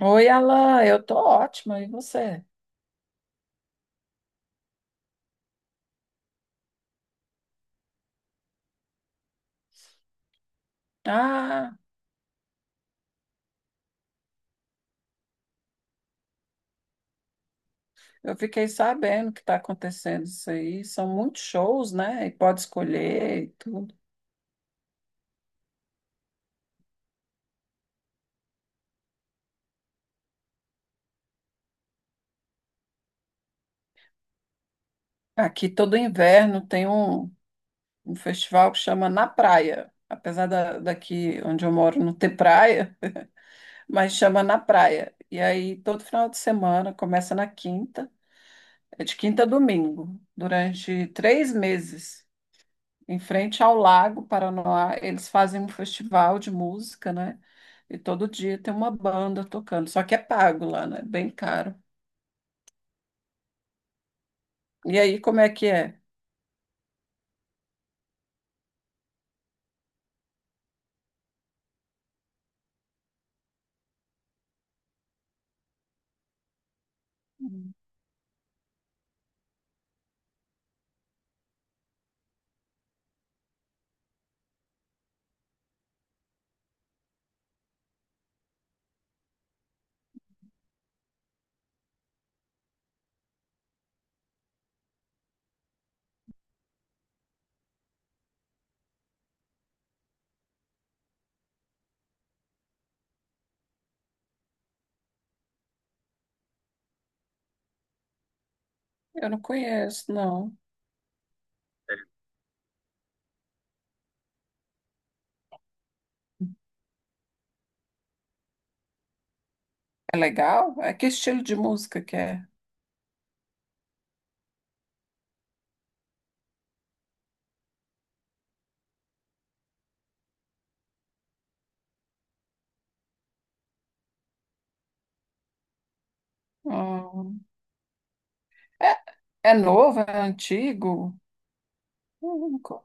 Oi, Alan, eu tô ótima, e você? Ah, eu fiquei sabendo que está acontecendo isso aí. São muitos shows, né? E pode escolher e tudo. Aqui todo inverno tem um festival que chama Na Praia. Apesar daqui onde eu moro não ter praia, mas chama Na Praia. E aí todo final de semana, começa na quinta, é de quinta a domingo, durante três meses. Em frente ao Lago Paranoá, eles fazem um festival de música, né? E todo dia tem uma banda tocando, só que é pago lá, né? Bem caro. E aí, como é que é? Hum. Eu não conheço, não. É legal? É que estilo de música que é? Hum, é, é novo? É antigo? Hum, co-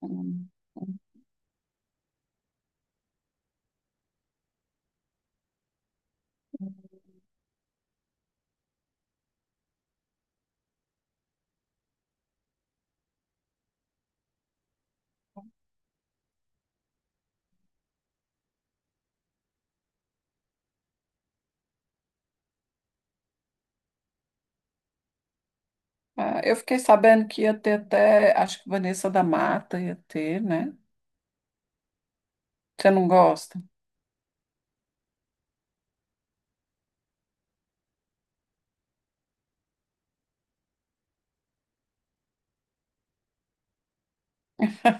hum, hum. Ah, eu fiquei sabendo que ia ter até, acho que Vanessa da Mata ia ter, né? Você não gosta?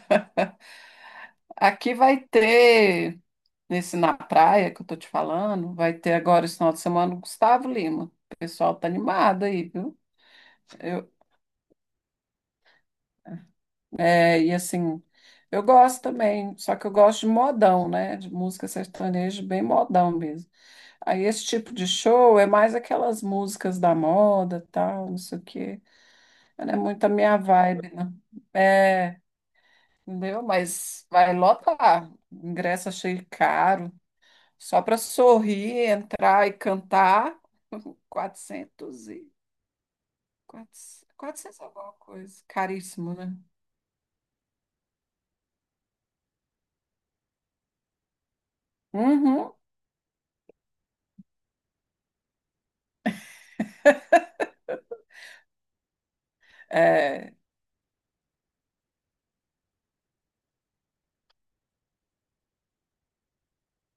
Aqui vai ter. Nesse Na Praia que eu tô te falando, vai ter agora esse final de semana o Gustavo Lima. O pessoal tá animado aí, viu? Eu, e assim, eu gosto também, só que eu gosto de modão, né? De música sertaneja bem modão mesmo. Aí esse tipo de show é mais aquelas músicas da moda, tal, não sei o quê. Mas não é muito a minha vibe, não. É, entendeu? Mas vai lotar. Ingresso achei caro, só para sorrir, entrar e cantar, 400 e... 400, 400 alguma coisa. Caríssimo, né? Uhum. É,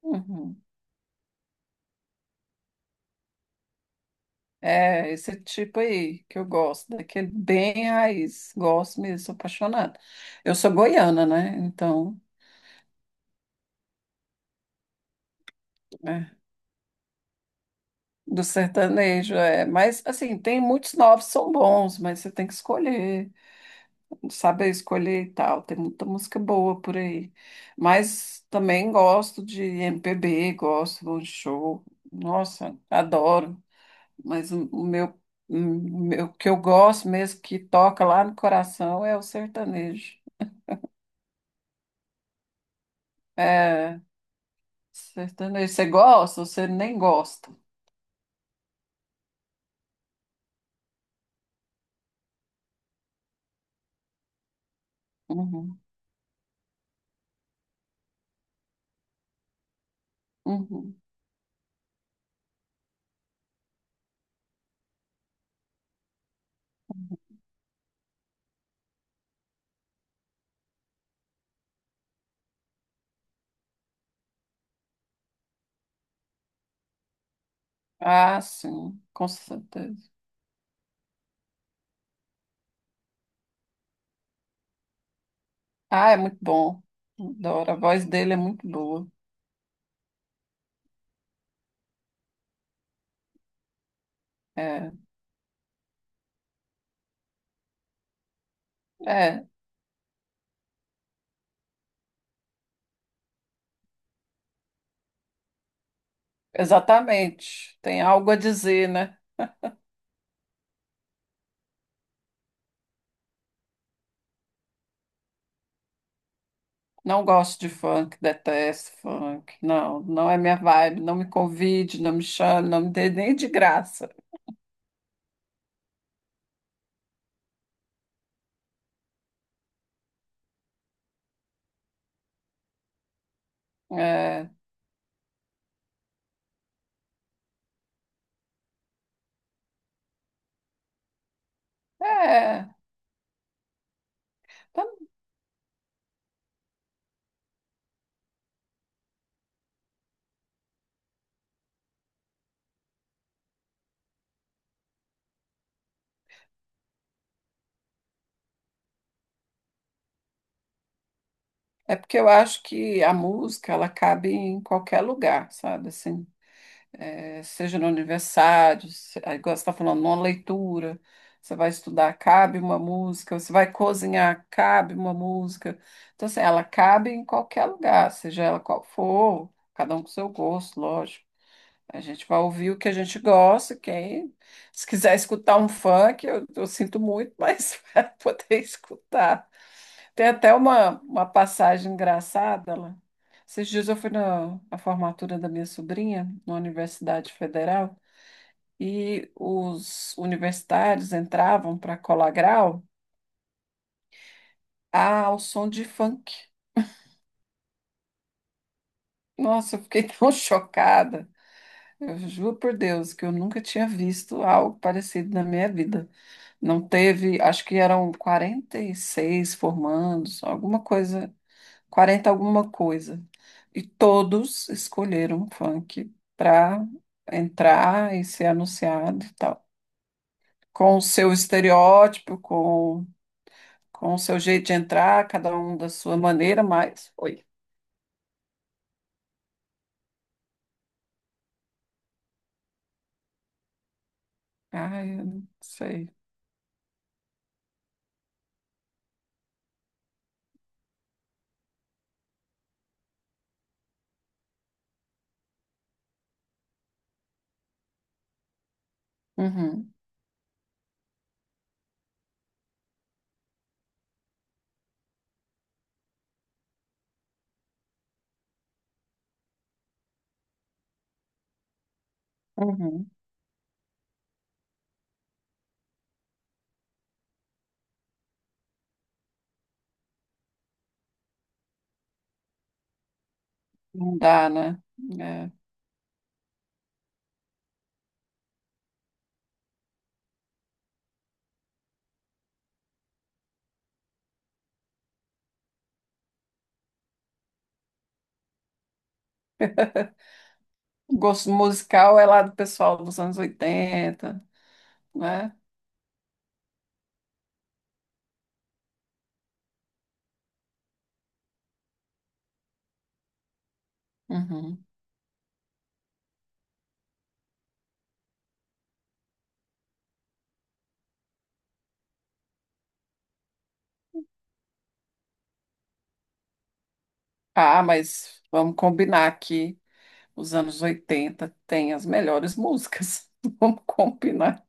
uhum. É esse tipo aí que eu gosto, daquele bem raiz. Gosto mesmo, sou apaixonada. Eu sou goiana, né? Então, é, do sertanejo, é. Mas, assim, tem muitos novos, são bons, mas você tem que escolher. Sabe escolher e tal. Tem muita música boa por aí. Mas também gosto de MPB, gosto, vou de show. Nossa, adoro. Mas o meu o que eu gosto mesmo, que toca lá no coração, é o sertanejo. É, sertanejo. Você gosta ou você nem gosta? Uhum, uhum. Ah, sim, com certeza. Ah, é muito bom. Adoro. A voz dele é muito boa. É, é. Exatamente. Tem algo a dizer, né? Não gosto de funk, detesto funk. Não, não é minha vibe. Não me convide, não me chame, não me dê nem de graça. É, é, Tá- é porque eu acho que a música ela cabe em qualquer lugar, sabe? Assim, seja no aniversário, igual você está falando, numa leitura, você vai estudar, cabe uma música, você vai cozinhar, cabe uma música. Então, assim, ela cabe em qualquer lugar, seja ela qual for, cada um com seu gosto, lógico. A gente vai ouvir o que a gente gosta, quem se quiser escutar um funk, eu sinto muito, mas vai poder escutar. Tem até uma passagem engraçada lá. Esses dias eu fui na formatura da minha sobrinha, na Universidade Federal, e os universitários entravam para colar grau ao som de funk. Nossa, eu fiquei tão chocada. Eu juro por Deus que eu nunca tinha visto algo parecido na minha vida. Não teve, acho que eram 46 formandos, alguma coisa 40 alguma coisa. E todos escolheram funk para entrar e ser anunciado e tal. Com o seu estereótipo, com o seu jeito de entrar, cada um da sua maneira, mas foi. Ai, eu não sei. Uhum, uhum. Não dá, né? É. O gosto musical é lá do pessoal dos anos oitenta, né? Uhum. Ah, mas vamos combinar aqui. Os anos 80 tem as melhores músicas. Vamos combinar.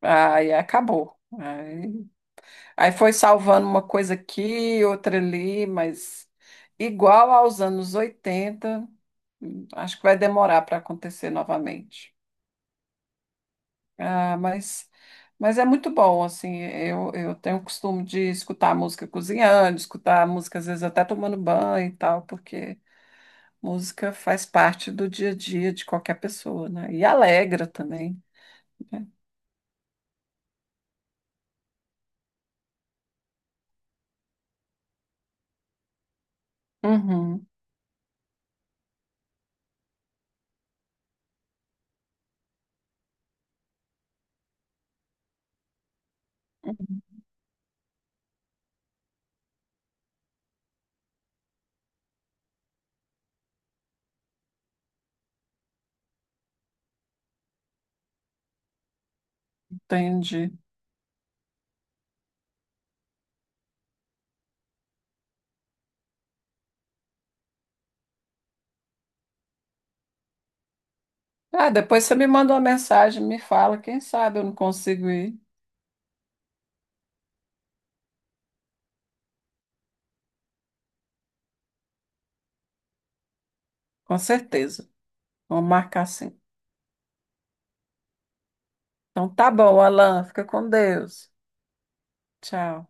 Aí acabou. Aí, aí foi salvando uma coisa aqui, outra ali, mas igual aos anos 80, acho que vai demorar para acontecer novamente. Ah, mas, mas é muito bom, assim, eu tenho o costume de escutar música cozinhando, escutar música às vezes até tomando banho e tal, porque música faz parte do dia a dia de qualquer pessoa, né? E alegra também. Uhum, entendi. Ah, depois você me manda uma mensagem, me fala, quem sabe eu não consigo ir. Com certeza. Vamos marcar sim. Então tá bom, Alan, fica com Deus. Tchau.